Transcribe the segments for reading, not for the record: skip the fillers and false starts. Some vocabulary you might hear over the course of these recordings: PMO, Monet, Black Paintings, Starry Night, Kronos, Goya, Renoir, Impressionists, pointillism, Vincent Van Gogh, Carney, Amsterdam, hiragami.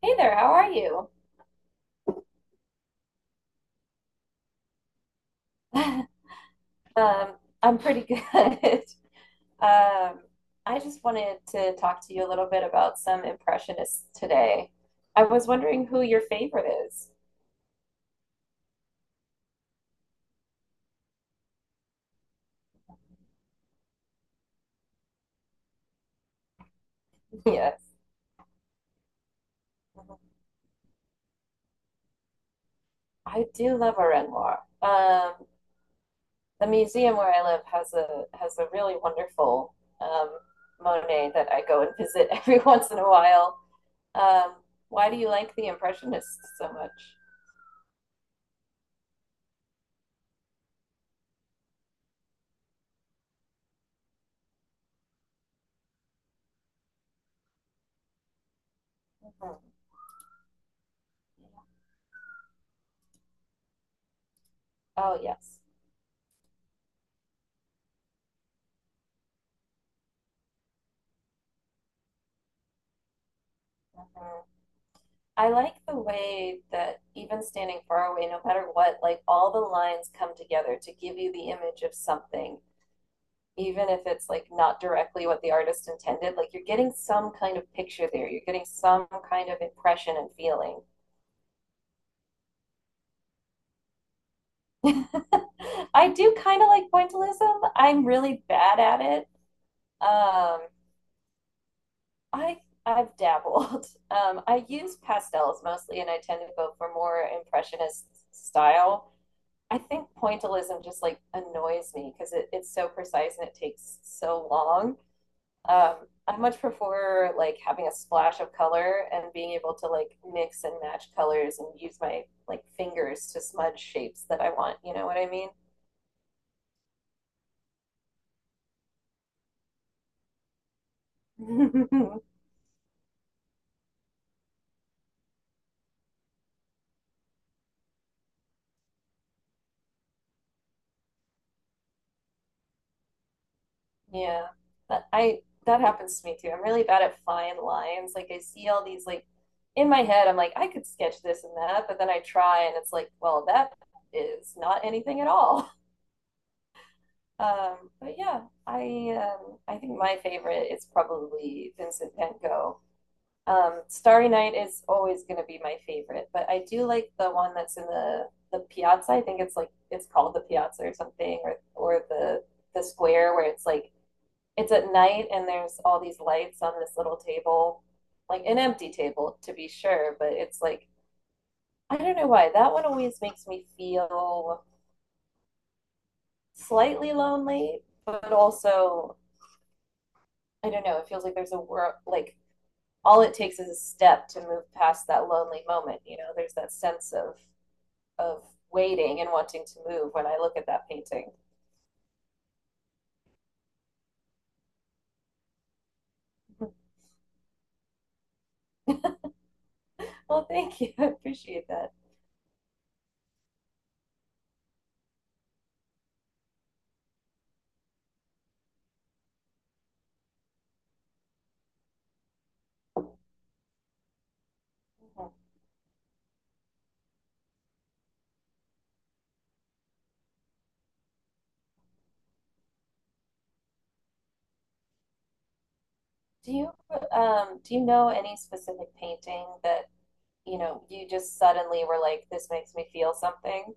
Hey there, how are you? Um, I'm pretty good. Um, I just wanted to talk to you a little bit about some impressionists today. I was wondering who your favorite is. Yes. Mhm. I do love a Renoir. The museum where I live has a really wonderful um, Monet that I go and visit every once in a while. Um, why do you like the Impressionists so much? Mhm. Oh, yes. Mm-hmm. I like the way that even standing far away, no matter what, like all the lines come together to give you the image of something, even if it's like not directly what the artist intended. Like you're getting some kind of picture there, you're getting some kind of impression and feeling. I do kind of like pointillism. I'm really bad at it. Um, I I've dabbled. I use pastels mostly, and I tend to go for more impressionist style. I think pointillism just like annoys me because it's so precise and it takes so long. Um, I much prefer like having a splash of color and being able to like mix and match colors and use my like fingers to smudge shapes that I want. You know what I mean? Yeah, that, I that happens to me too. I'm really bad at fine lines. Like I see all these like in my head, I'm like I could sketch this and that, but then I try and it's like, well, that is not anything at all. But yeah, I think my favorite is probably Vincent Van Gogh. Starry Night is always going to be my favorite, but I do like the one that's in the piazza. I think it's like it's called the piazza or something, or the square where it's like it's at night and there's all these lights on this little table, like an empty table to be sure, but it's like I don't know why that one always makes me feel slightly lonely, but also I don't know. It feels like there's a world, like all it takes is a step to move past that lonely moment. You know, there's that sense of waiting and wanting to move when I look at that painting. Well, thank you. I appreciate that. Mhm. Do you do you know any specific painting that, you know, you just suddenly were like, this makes me feel something?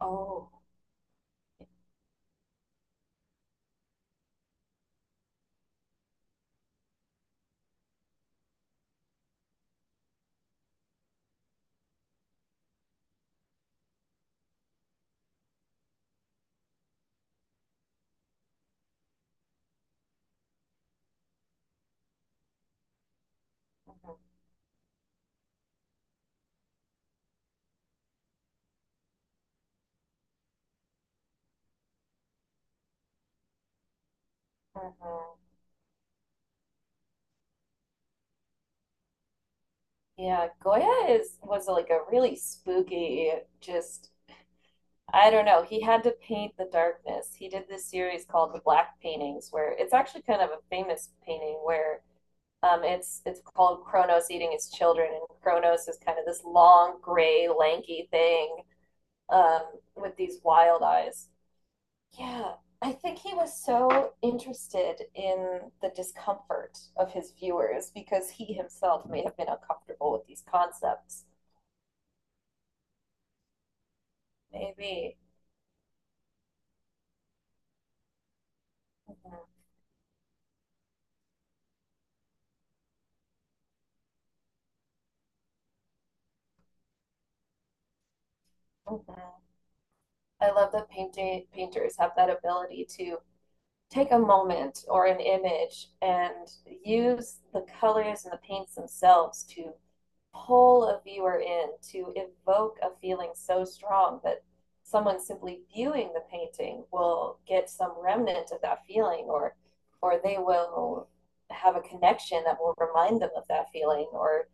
Oh. Mhm, mhm. Yeah, Goya is was like a really spooky, just I don't know. He had to paint the darkness. He did this series called the Black Paintings, where it's actually kind of a famous painting where it's called Kronos eating his children, and Kronos is kind of this long, gray, lanky thing um, with these wild eyes. Yeah, I think he was so interested in the discomfort of his viewers because he himself may have been uncomfortable with these concepts. Maybe. Mhm. Mhm. I love that painting painters have that ability to take a moment or an image and use the colors and the paints themselves to pull a viewer in, to evoke a feeling so strong that someone simply viewing the painting will get some remnant of that feeling or they will have a connection that will remind them of that feeling or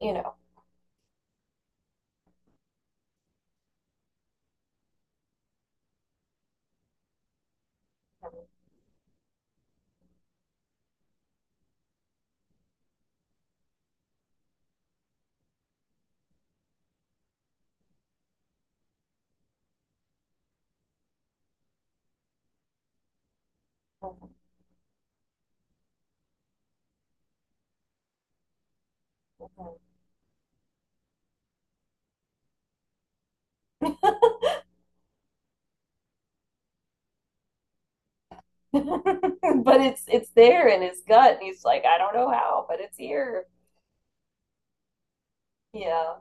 you know. Mm-hmm. Mm-hmm. Mm-hmm. But it's there in his gut and he's like, I don't know how, but it's here. Yeah.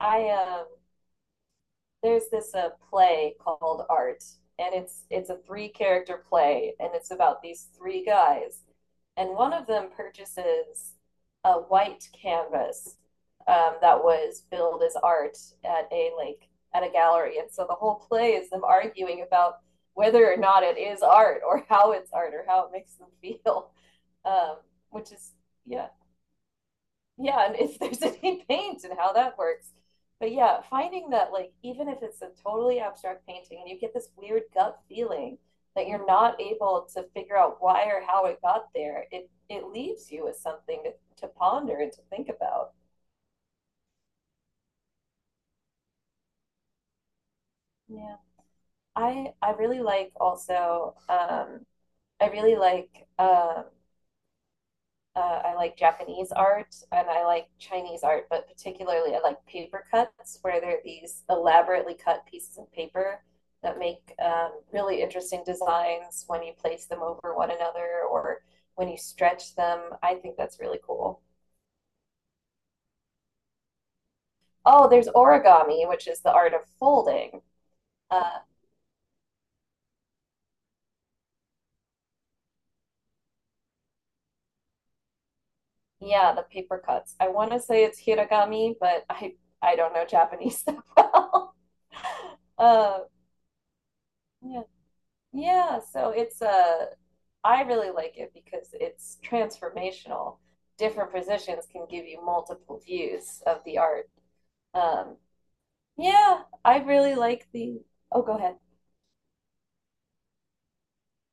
I There's this play called Art, and it's a three character play, and it's about these three guys, and one of them purchases a white canvas that was billed as art at a like at a gallery, and so the whole play is them arguing about whether or not it is art or how it's art or how it makes them feel, um, which is yeah, yeah, and if there's any paint and how that works. But yeah, finding that like even if it's a totally abstract painting and you get this weird gut feeling that you're not able to figure out why or how it got there, it leaves you with something to ponder and to think about. Yeah. I really like also I really like um I like Japanese art and I like Chinese art, but particularly I like paper cuts, where there are these elaborately cut pieces of paper that make really interesting designs when you place them over one another or when you stretch them. I think that's really cool. Oh, there's origami, which is the art of folding. Uh, yeah, the paper cuts. I want to say it's hiragami, but I don't know Japanese that well. uh, yeah, yeah. So it's a I really like it because it's transformational. Different positions can give you multiple views of the art. Um, yeah, I really like the. Oh, go ahead.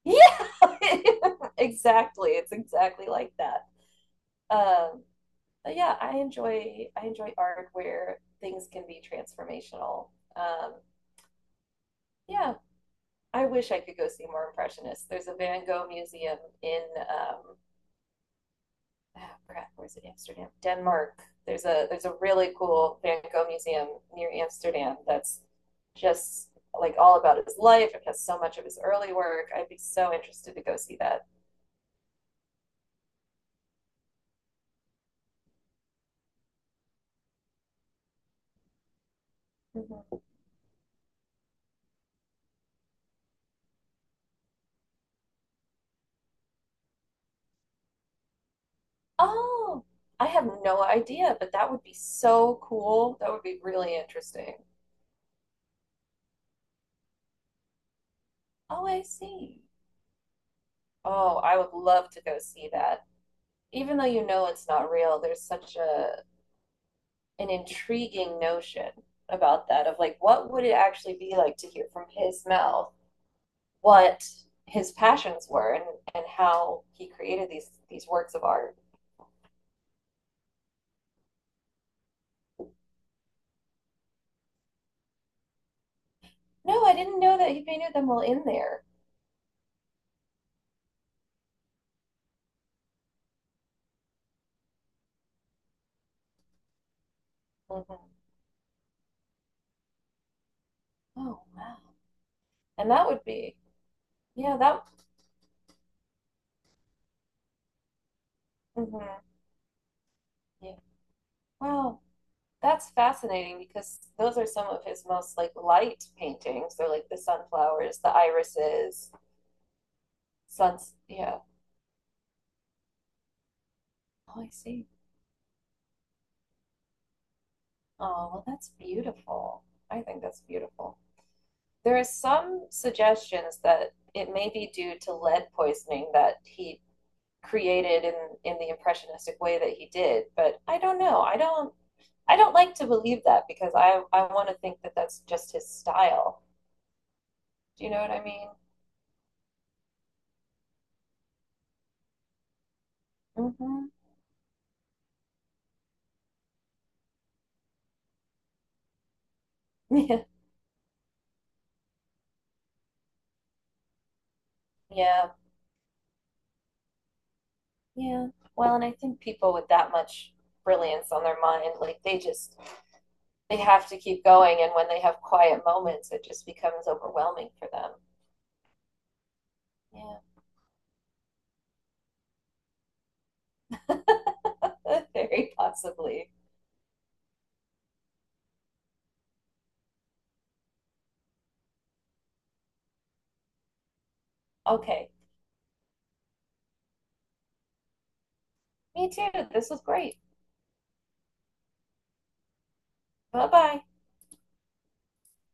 Yeah, exactly. It's exactly like that. Um, but yeah, I enjoy art where things can be transformational. Um, yeah, I wish I could go see more impressionists. There's a Van Gogh museum in um, oh crap, where's it? Amsterdam, Denmark. There's a really cool Van Gogh museum near Amsterdam that's just like all about his life. It has so much of his early work. I'd be so interested to go see that. Mhm. Oh, I have no idea, but that would be so cool. That would be really interesting. Oh, I see. Oh, I would love to go see that. Even though you know it's not real, there's such a an intriguing notion about that of like what would it actually be like to hear from his mouth what his passions were and how he created these works of art. No, I didn't know that he painted them all in there. Mhm. Oh wow. And that would be yeah, that mhm. Yeah. Wow. That's fascinating because those are some of his most like light paintings. They're like the sunflowers, the irises, suns. Yeah. Oh, I see. Oh, well, that's beautiful. I think that's beautiful. There are some suggestions that it may be due to lead poisoning that he created in the impressionistic way that he did, but I don't know. I don't like to believe that because I want to think that that's just his style. Do you know what I mean? Mm-hmm. Yeah. Yeah. Yeah. Well, and I think people with that much brilliance on their mind, like they just they have to keep going and when they have quiet moments it just becomes overwhelming for them. Yeah. Very possibly. Okay. Me too. This was great. Bye-bye.